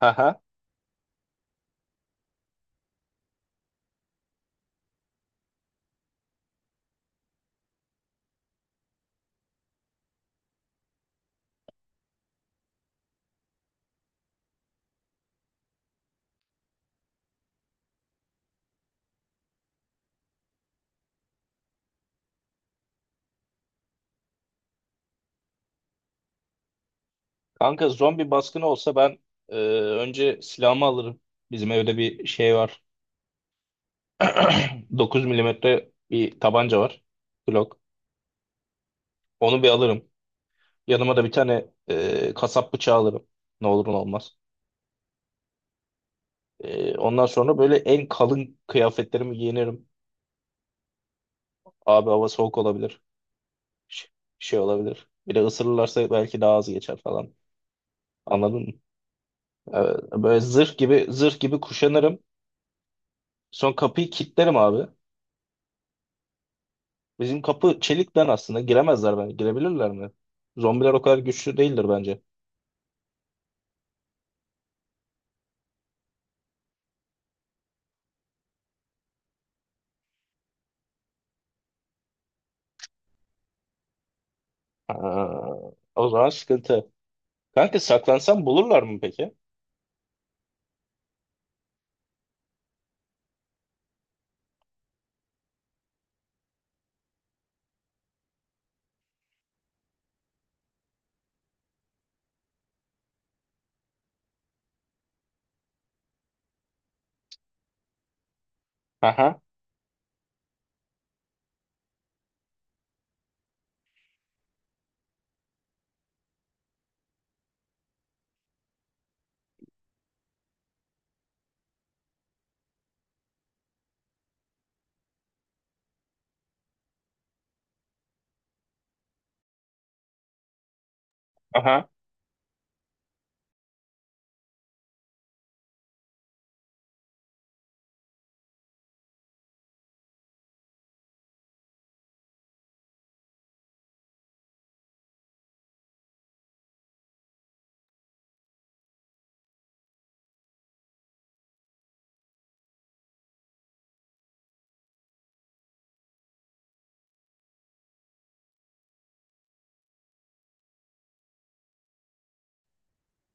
Haha. Kanka zombi baskını olsa ben e, önce silahımı alırım. Bizim evde bir şey var. 9 mm bir tabanca var. Glock. Onu bir alırım. Yanıma da bir tane kasap bıçağı alırım. Ne olur ne olmaz. Ondan sonra böyle en kalın kıyafetlerimi giyinirim. Abi hava soğuk olabilir. Ş- Şey olabilir. Bir de ısırırlarsa belki daha az geçer falan. Anladın mı? Böyle zırh gibi zırh gibi kuşanırım. Son kapıyı kilitlerim abi. Bizim kapı çelikten, aslında giremezler bence. Girebilirler mi? Zombiler o kadar güçlü değildir bence. Ha, o zaman sıkıntı. Kanka saklansam bulurlar mı peki? Aha, aha,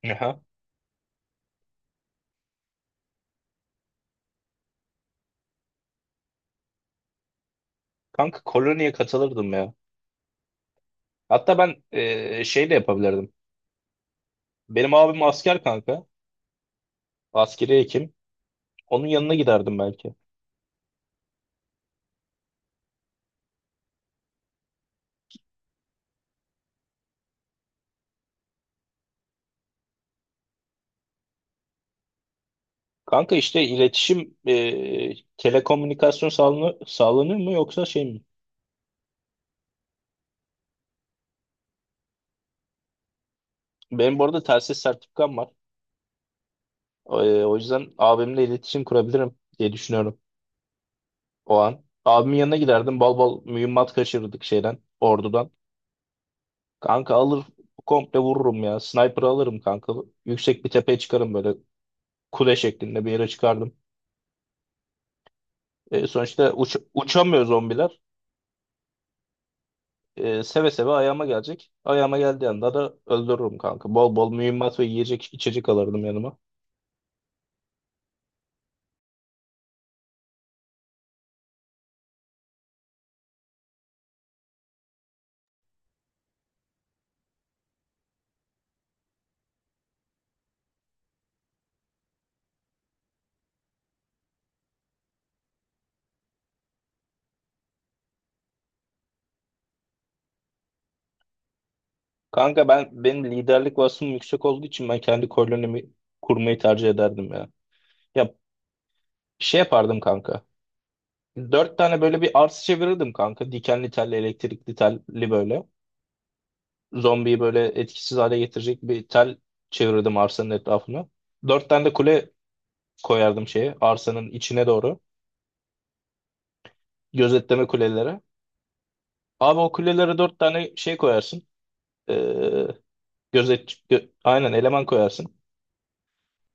aha. Kanka koloniye katılırdım ya. Hatta ben şey de yapabilirdim. Benim abim asker kanka. Askeri hekim. Onun yanına giderdim belki. Kanka işte iletişim, telekomünikasyon sağlanıyor, mu yoksa şey mi? Benim bu arada telsiz sertifikam var. O yüzden abimle iletişim kurabilirim diye düşünüyorum o an. Abimin yanına giderdim. Bal bal mühimmat kaçırırdık şeyden. Ordudan. Kanka alır komple vururum ya. Sniper alırım kanka. Yüksek bir tepeye çıkarım, böyle kule şeklinde bir yere çıkardım. Sonuçta uçamıyor zombiler. Seve seve ayağıma gelecek. Ayağıma geldiği anda da öldürürüm kanka. Bol bol mühimmat ve yiyecek içecek alırdım yanıma. Kanka ben benim liderlik vasfım yüksek olduğu için ben kendi kolonimi kurmayı tercih ederdim ya. Ya şey yapardım kanka. Dört tane böyle bir arsa çevirirdim kanka. Dikenli telli, elektrikli telli böyle. Zombiyi böyle etkisiz hale getirecek bir tel çevirirdim arsanın etrafına. Dört tane de kule koyardım şeye, arsanın içine doğru. Gözetleme kulelere. Abi o kulelere dört tane şey koyarsın. Ee, aynen eleman koyarsın.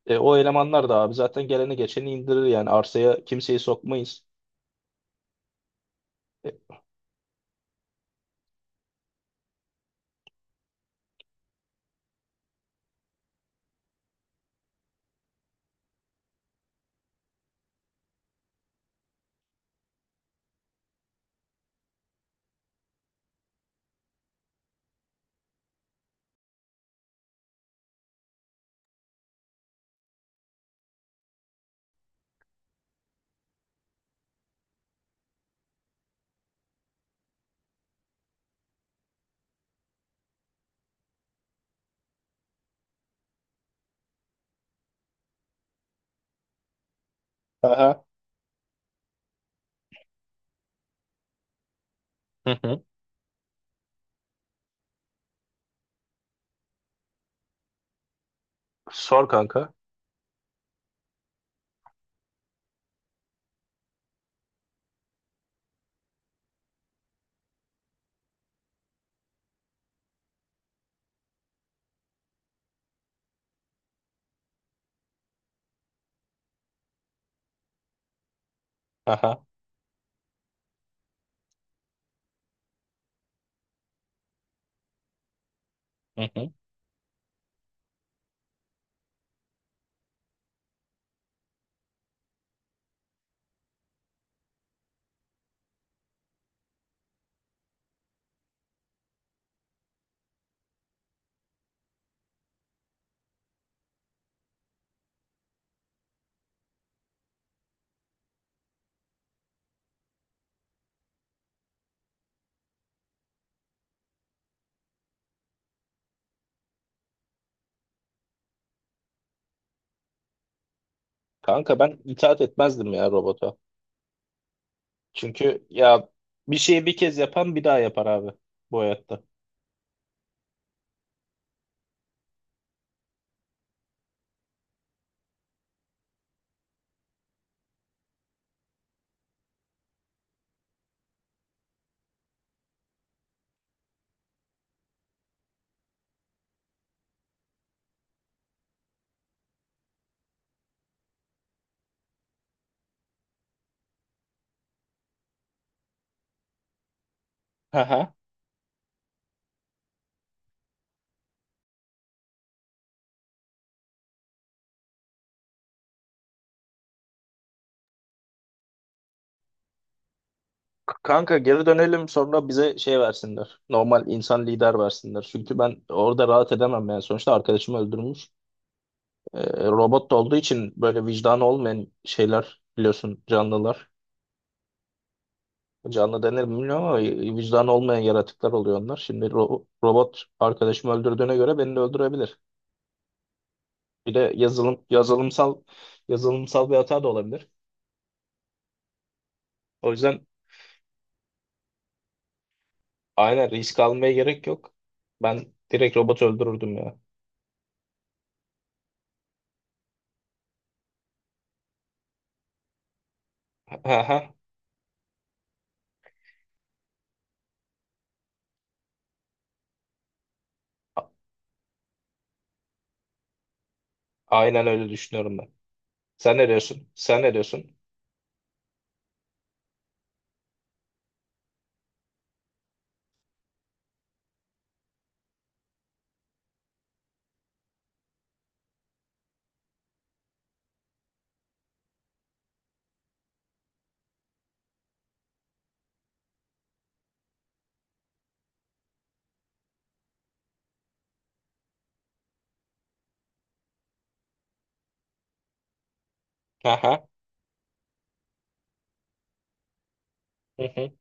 O elemanlar da abi zaten geleni geçeni indirir, yani arsaya kimseyi sokmayız. E, Aha. Hı hı. Sor kanka. Aha. Hı hı. Kanka ben itaat etmezdim ya robota. Çünkü ya bir şeyi bir kez yapan bir daha yapar abi bu hayatta. Aha. Kanka geri dönelim, sonra bize şey versinler. Normal insan lider versinler. Çünkü ben orada rahat edemem yani. Sonuçta arkadaşımı öldürmüş. Ee, Robot da olduğu için böyle vicdanı olmayan şeyler biliyorsun, canlılar. Canlı denir mi bilmiyorum ama vicdanı olmayan yaratıklar oluyor onlar. Şimdi robot arkadaşımı öldürdüğüne göre beni de öldürebilir. Bir de yazılımsal bir hata da olabilir. O yüzden aynen risk almaya gerek yok. Ben direkt robotu öldürürdüm ya. Ha ha. A- Aynen öyle düşünüyorum ben. Sen ne diyorsun? Sen ne diyorsun? Ha ha. Hı hı.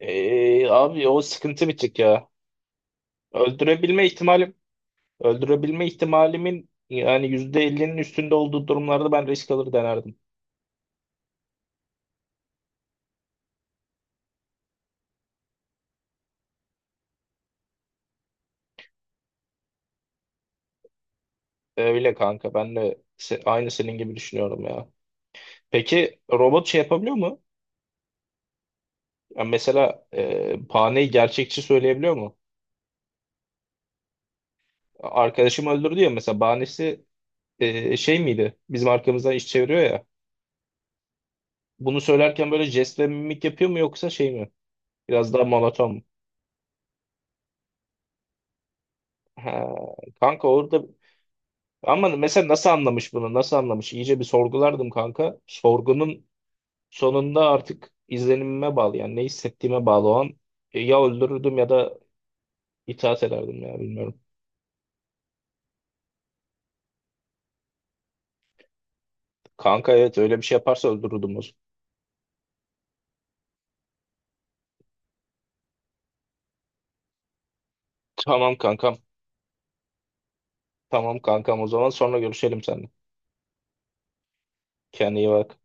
Abi o sıkıntı bir tık ya. Öldürebilme ihtimali Öldürebilme ihtimalimin yani %50'nin üstünde olduğu durumlarda ben risk alır denerdim. Öyle kanka, ben de aynı senin gibi düşünüyorum ya. Peki robot şey yapabiliyor mu? Yani mesela bahaneyi gerçekçi söyleyebiliyor mu? Arkadaşım öldürdü ya mesela, bahanesi şey miydi? Bizim arkamızdan iş çeviriyor ya. Bunu söylerken böyle jest ve mimik yapıyor mu yoksa şey mi? Biraz daha monoton mu? Ha, kanka orada, ama mesela nasıl anlamış bunu? Nasıl anlamış? İyice bir sorgulardım kanka. Sorgunun sonunda artık izlenimime bağlı, yani ne hissettiğime bağlı o an. Ya öldürürdüm ya da itaat ederdim ya, bilmiyorum. Kanka evet, öyle bir şey yaparsa öldürürdüm o zaman. Tamam kankam. Tamam kankam, o zaman sonra görüşelim seninle. Kendine iyi bak.